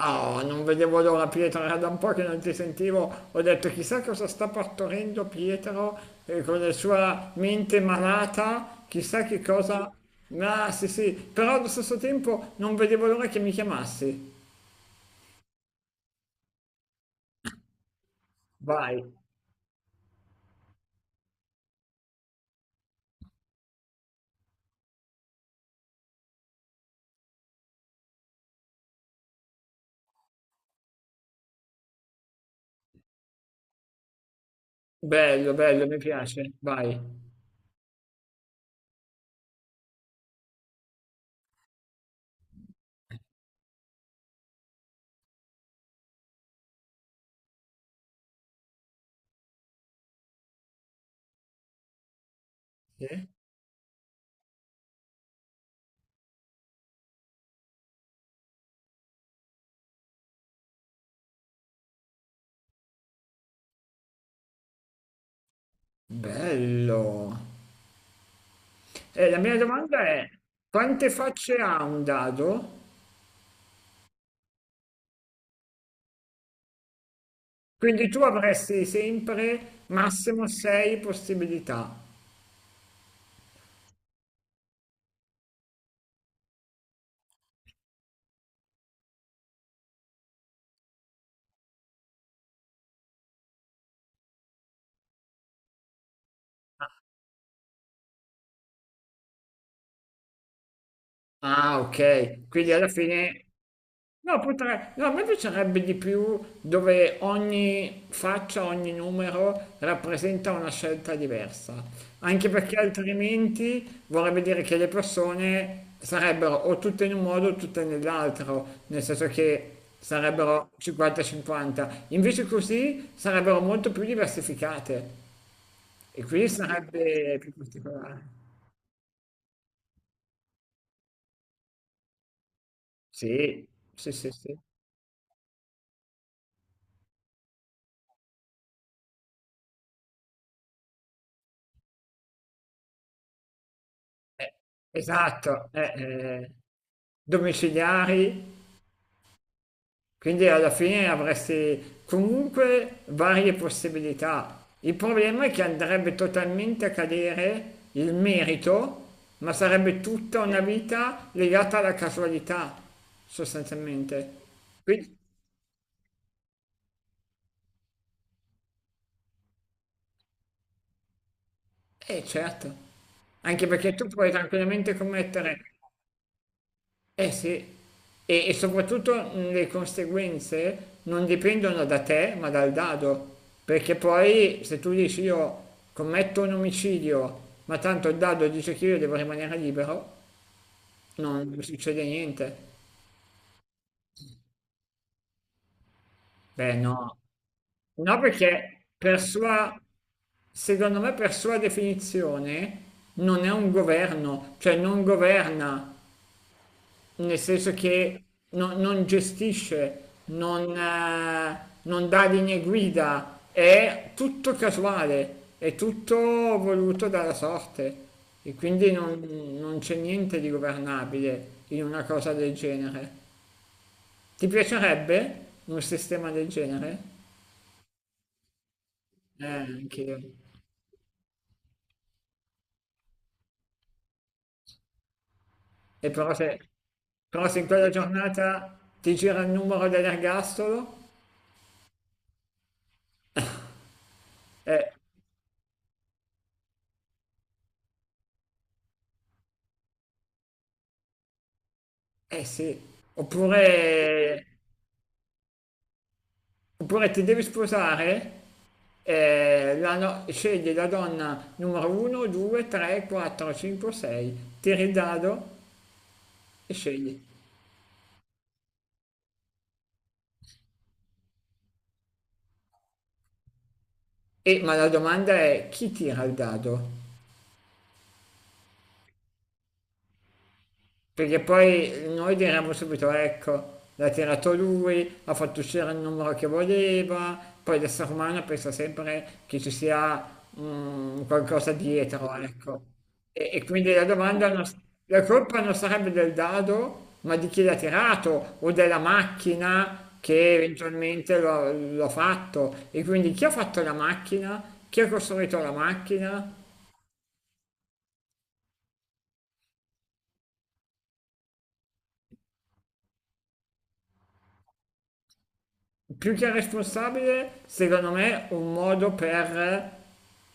Oh, non vedevo l'ora, Pietro, era da un po' che non ti sentivo, ho detto chissà cosa sta partorendo Pietro con la sua mente malata, chissà che cosa. Ah, sì, sì, però allo stesso tempo non vedevo l'ora che mi chiamassi. Vai, bello, bello, mi piace, vai. Sì? Bello. E la mia domanda è, quante facce ha un dado? Quindi tu avresti sempre massimo 6 possibilità. Ah, ok. Quindi alla fine. No, potrei. No, a me piacerebbe di più dove ogni faccia, ogni numero rappresenta una scelta diversa. Anche perché altrimenti vorrebbe dire che le persone sarebbero o tutte in un modo o tutte nell'altro, nel senso che sarebbero 50-50. Invece così sarebbero molto più diversificate e quindi sarebbe più particolare. Sì, sì, sì, sì. Eh, esatto, domiciliari, quindi alla fine avresti comunque varie possibilità. Il problema è che andrebbe totalmente a cadere il merito, ma sarebbe tutta una vita legata alla casualità, sostanzialmente. Quindi, eh, certo, anche perché tu puoi tranquillamente commettere. Eh, sì, e soprattutto le conseguenze non dipendono da te, ma dal dado, perché poi se tu dici io commetto un omicidio, ma tanto il dado dice che io devo rimanere libero, non succede niente. Beh, no. No, perché per sua, secondo me per sua definizione non è un governo, cioè non governa. Nel senso che non, non gestisce, non dà linee guida, è tutto casuale, è tutto voluto dalla sorte e quindi non c'è niente di governabile in una cosa del genere. Ti piacerebbe un sistema del genere? Anch'io. E però se, in quella giornata ti gira il numero dell'ergastolo, eh, eh, sì, oppure Oppure ti devi sposare, la no- scegli la donna numero 1, 2, 3, 4, 5, 6, tiri il dado e scegli. E, ma la domanda è, chi tira il dado? Perché poi noi diremmo subito, ecco, l'ha tirato lui, ha fatto uscire il numero che voleva, poi l'essere umano pensa sempre che ci sia qualcosa dietro, ecco. E quindi la domanda, non s- la colpa non sarebbe del dado, ma di chi l'ha tirato o della macchina che eventualmente l'ha fatto. E quindi chi ha fatto la macchina, chi ha costruito la macchina, più che responsabile, secondo me, un modo per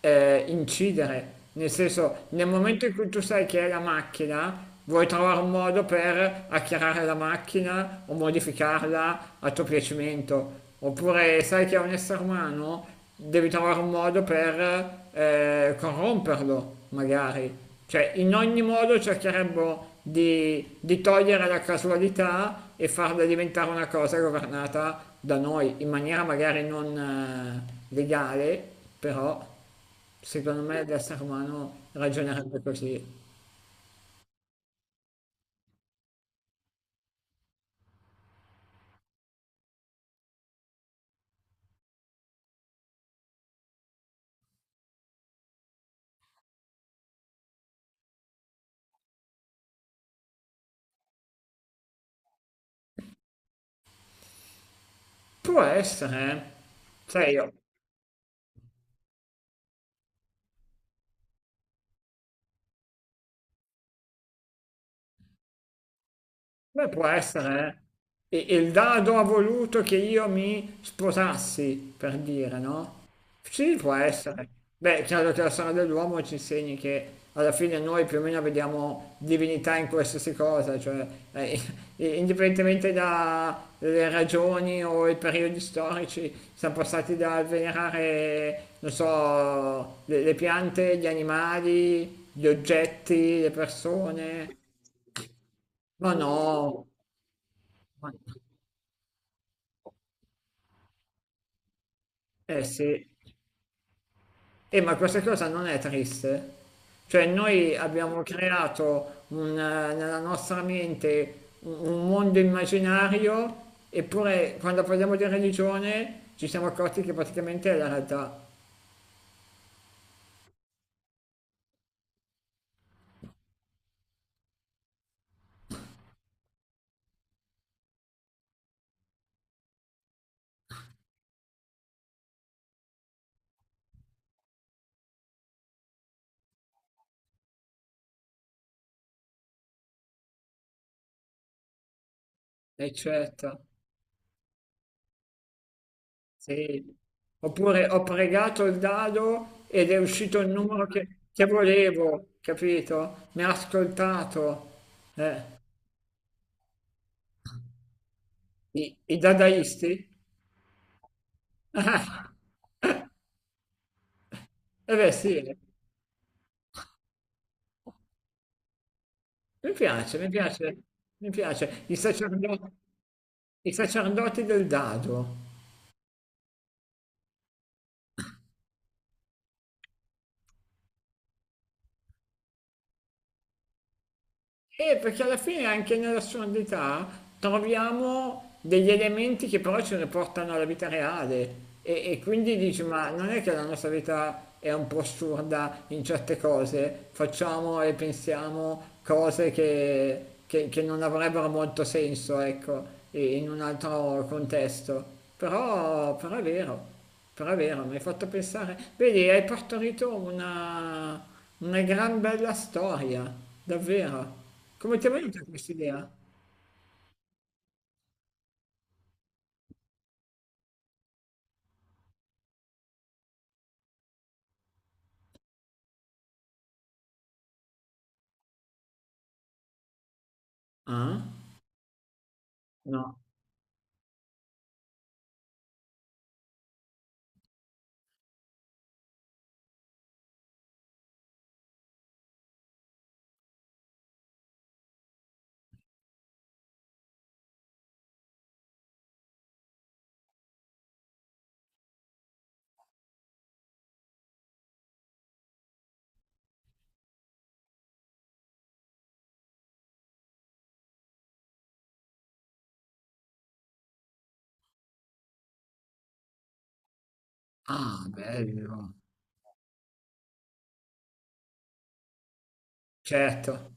incidere. Nel senso, nel momento in cui tu sai che è la macchina, vuoi trovare un modo per acchiarare la macchina o modificarla a tuo piacimento. Oppure sai che è un essere umano, devi trovare un modo per corromperlo, magari. Cioè, in ogni modo cercherebbero di togliere la casualità e farla diventare una cosa governata da noi, in maniera magari non legale, però secondo me l'essere umano ragionerebbe così. Può essere, eh. Sai, io. Beh, può essere, eh. E il dado ha voluto che io mi sposassi, per dire, no? Sì, può essere. Beh, chiaro che la storia dell'uomo ci insegni che alla fine noi più o meno vediamo divinità in qualsiasi cosa, cioè, eh, indipendentemente dalle ragioni o i periodi storici, siamo passati dal venerare, non so, le piante, gli animali, gli oggetti, le persone. Ma sì, sì, sì. No, no. Eh, sì. Ma questa cosa non è triste. Cioè, noi abbiamo creato nella nostra mente un mondo immaginario, eppure quando parliamo di religione ci siamo accorti che praticamente è la realtà, eccetera. Sì. Oppure ho pregato il dado ed è uscito il numero che volevo, capito? Mi ha ascoltato. Eh, i dadaisti? Ah, eh, beh, sì, mi piace, mi piace, mi piace. I sacerdoti del dado. E perché alla fine anche nell'assurdità troviamo degli elementi che però ci riportano alla vita reale e quindi dici ma non è che la nostra vita è un po' assurda in certe cose, facciamo e pensiamo cose che non avrebbero molto senso, ecco, in un altro contesto, però è vero. Però è vero, mi hai fatto pensare. Vedi, hai partorito una gran bella storia, davvero. Come ti è venuta questa idea? Ah? No. Ah, bello. Certo.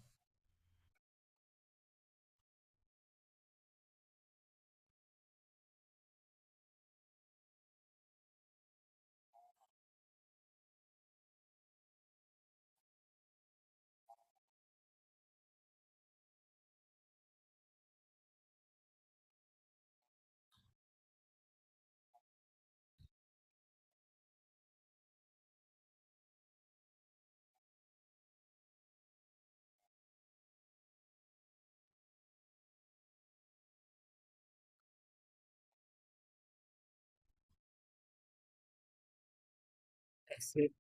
Eh, sì.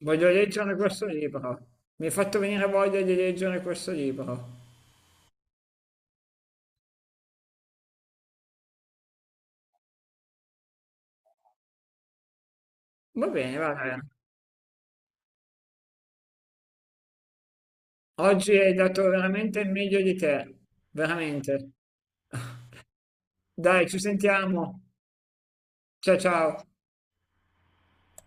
Voglio leggere questo libro. Mi hai fatto venire voglia di leggere questo libro. Va bene, va bene. Oggi hai dato veramente il meglio di te. Veramente. Dai, ci sentiamo. Ciao, ciao.